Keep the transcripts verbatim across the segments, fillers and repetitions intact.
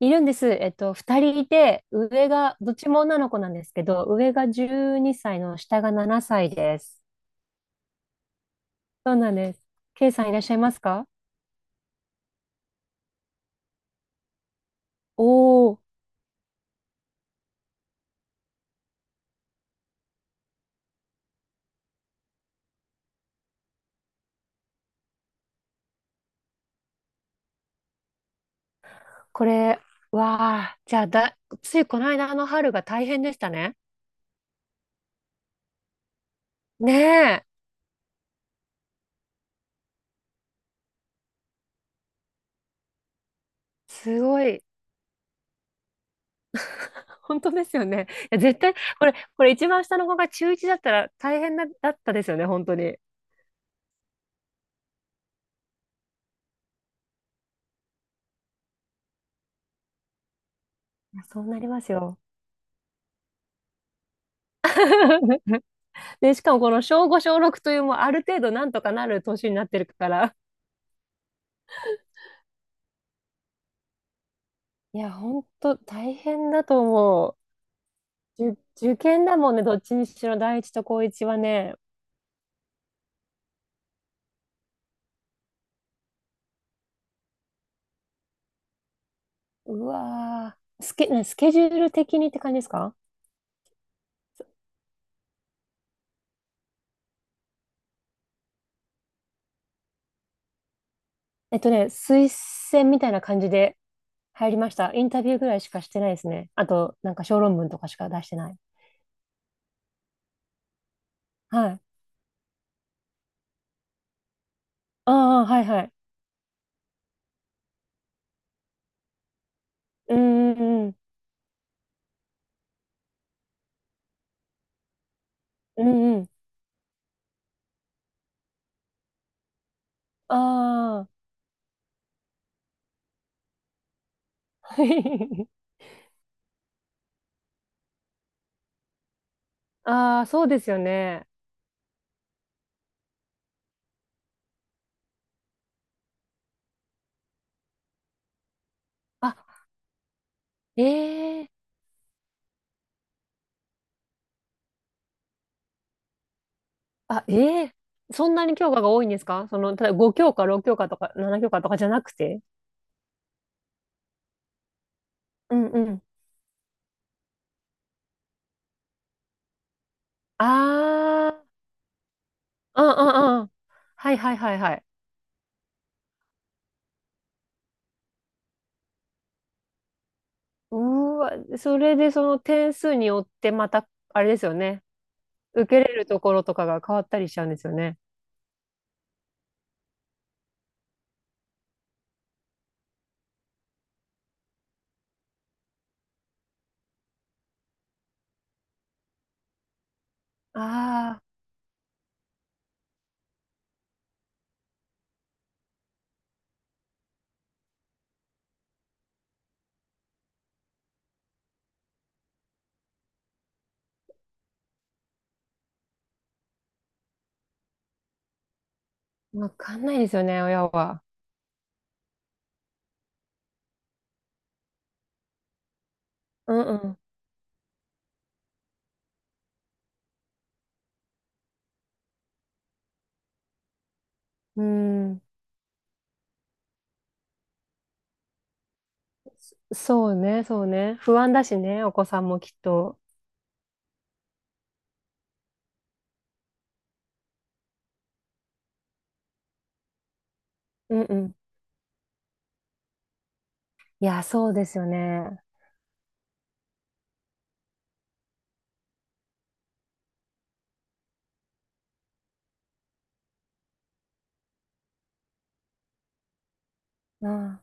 いるんです。えっと、二人いて、上が、どっちも女の子なんですけど、上がじゅうにさいの下がななさいです。そうなんです。ケイさんいらっしゃいますか？おおー、これ、わあ、じゃあだ、ついこの間の春が大変でしたね。ねえ、すごい。本当ですよね。いや、絶対、これ、これ一番下の子が中いちだったら大変だ、だったですよね、本当に。いや、そうなりますよ。で、しかもこの小ご、小ろくというもうある程度なんとかなる年になってるから、いや、ほんと大変だと思う。受、受験だもんね、どっちにしろ、第一と高一はね。うわー、スケ、ねスケジュール的にって感じですか？えっとね、推薦みたいな感じで入りました。インタビューぐらいしかしてないですね。あと、なんか小論文とかしか出してない。はい。ああ、はいはい。うんうんうん。うんうん。ああ。ああ、そうですよね。あ、ええ、あ、ええ、そんなに教科が多いんですか？その、ただご教科、ろく教科とかなな教科とかじゃなくて。うんうん。ああ、うんうんうん。はいはいはいはい。うーわ、それでその点数によってまた、あれですよね。受けれるところとかが変わったりしちゃうんですよね。ああ、わかんないですよね、親は。うんうん。うん。そうね、そうね。不安だしね、お子さんもきっと。うんうん。いや、そうですよね。あ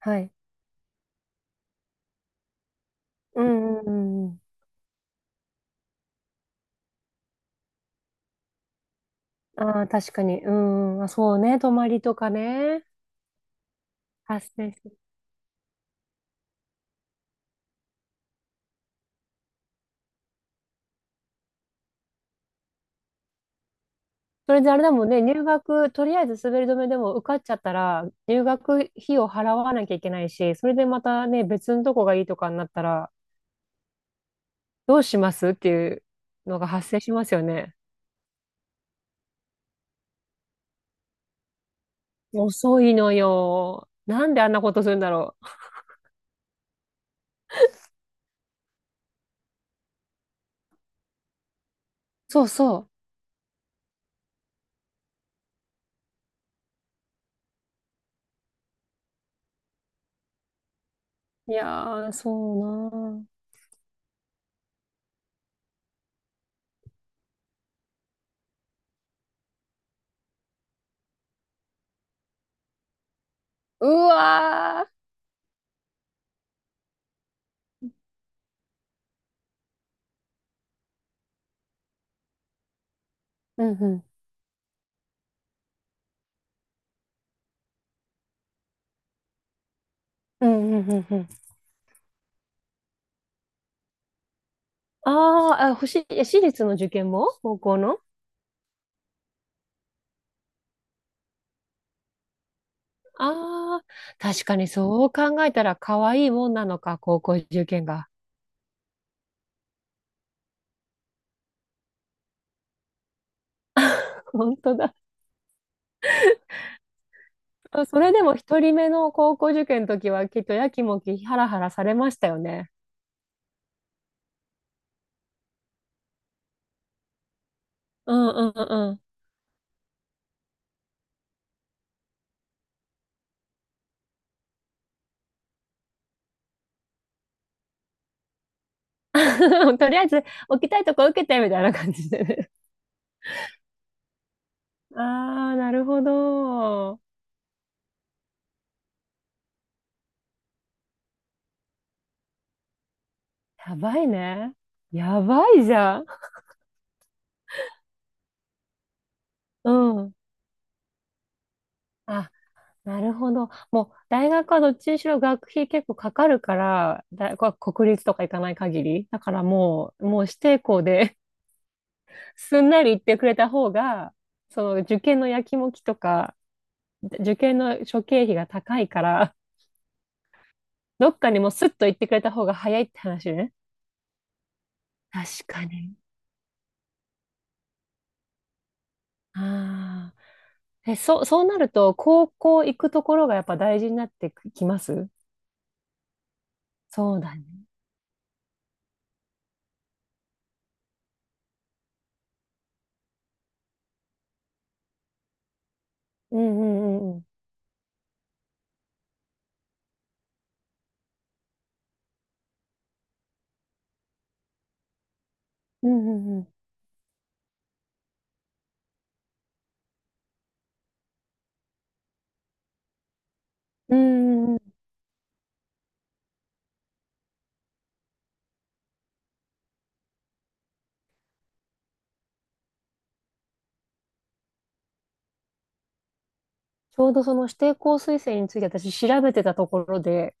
あ、はい。うんうんうん。ああ、確かに。うん。あ、そうね。泊まりとかね。発生する。それであれだもんね。入学、とりあえず滑り止めでも受かっちゃったら、入学費を払わなきゃいけないし、それでまたね、別のとこがいいとかになったら、どうしますっていうのが発生しますよね。遅いのよ。なんであんなことするんだろう。そうそう。いやー、そうなー。うわー。うんうん。うんうんうんうん。あーあ、欲しい、え私立の受験も高校の。ああ、確かにそう考えたら可愛いもんなのか、高校受験が。本当だ。それでも一人目の高校受験の時はきっとやきもきハラハラされましたよね。うんうんうんうん。とりあえず置きたいとこ受けてみたいな感じでね。ああ、なるほど。やばいね。やばいじゃん。うん。あ、なるほど。もう、大学はどっちにしろ学費結構かかるから、大学は国立とか行かない限り。だからもう、もう指定校で、 すんなり行ってくれた方が、その受験のやきもきとか、受験の諸経費が高いから、どっかにもうスッと行ってくれた方が早いって話ね。確かに。ああ。え、そう、そうなると、高校行くところがやっぱ大事になってきますそうだね。うんうんうんうん。うんうんうん。うんうんうん。ちょうどその指定校推薦について私調べてたところで、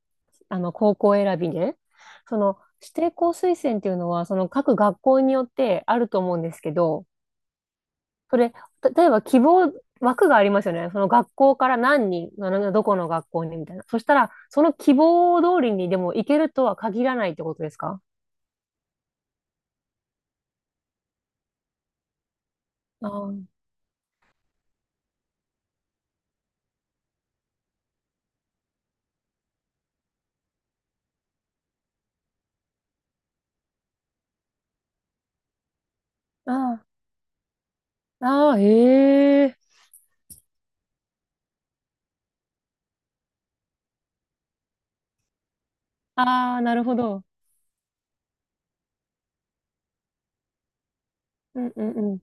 あの、高校選びで、その指定校推薦っていうのは、その各学校によってあると思うんですけど、それ、例えば希望、枠がありますよね。その学校から何人、あのどこの学校にみたいな。そしたら、その希望通りにでも行けるとは限らないってことですか？あー、あー、ああ、へえ。ああ、なるほど。うんうんうん。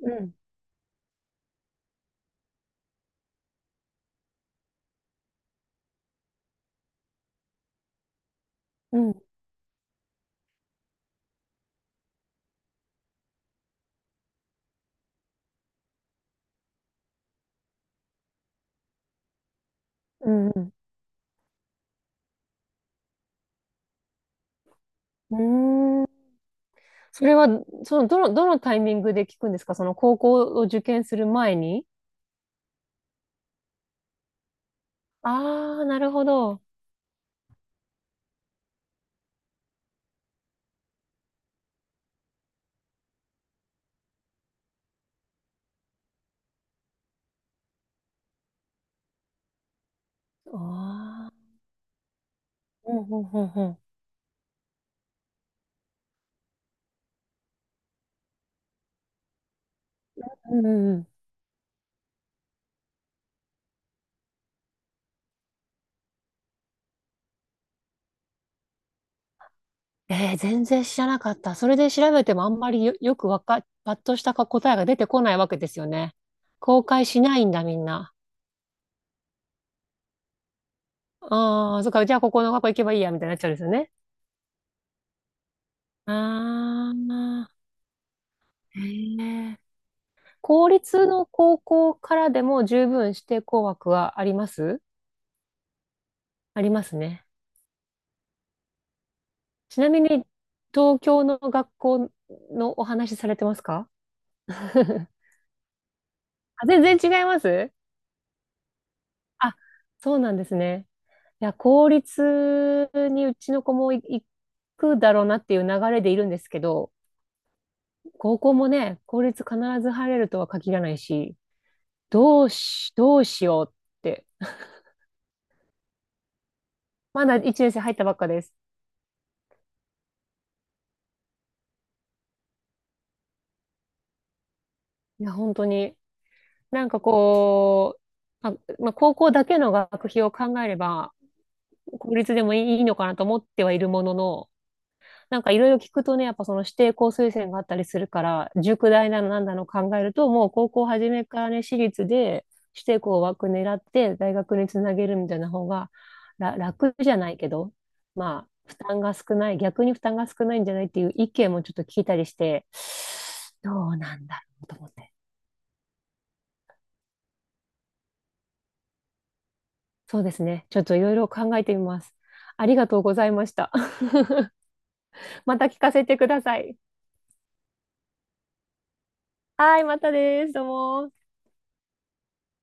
うんうんうんうん。うーん。それは、その、どの、どのタイミングで聞くんですか？その高校を受験する前に。ああー、なるほど。ああ、うんうんうんうん。うんうん。えー、全然知らなかった。それで調べてもあんまりよ、よくわか、パッとしたか答えが出てこないわけですよね。公開しないんだ、みんな。ああ、そっか、じゃあここの学校行けばいいや、みたいになっちゃうんですよね。ああ、へえ。公立の高校からでも十分指定校枠はあります。ありますね。ちなみに、東京の学校のお話されてますか？ あ、全然違います。あ、そうなんですね。いや、公立にうちの子もい行くだろうなっていう流れでいるんですけど、高校もね、公立必ず入れるとは限らないし、どうし、どうしようって、まだいちねん生入ったばっかです。いや、本当に。なんかこう、あ、まあ、高校だけの学費を考えれば、公立でもいいのかなと思ってはいるものの、なんかいろいろ聞くとね、やっぱその指定校推薦があったりするから、塾代なのなんだの考えると、もう高校初めからね、私立で指定校枠狙って大学につなげるみたいな方がら楽じゃないけど、まあ、負担が少ない、逆に負担が少ないんじゃないっていう意見もちょっと聞いたりして、どうなんだろうと思って。そうですね。ちょっといろいろ考えてみます。ありがとうございました。また聞かせてください。はい、またです。どうも。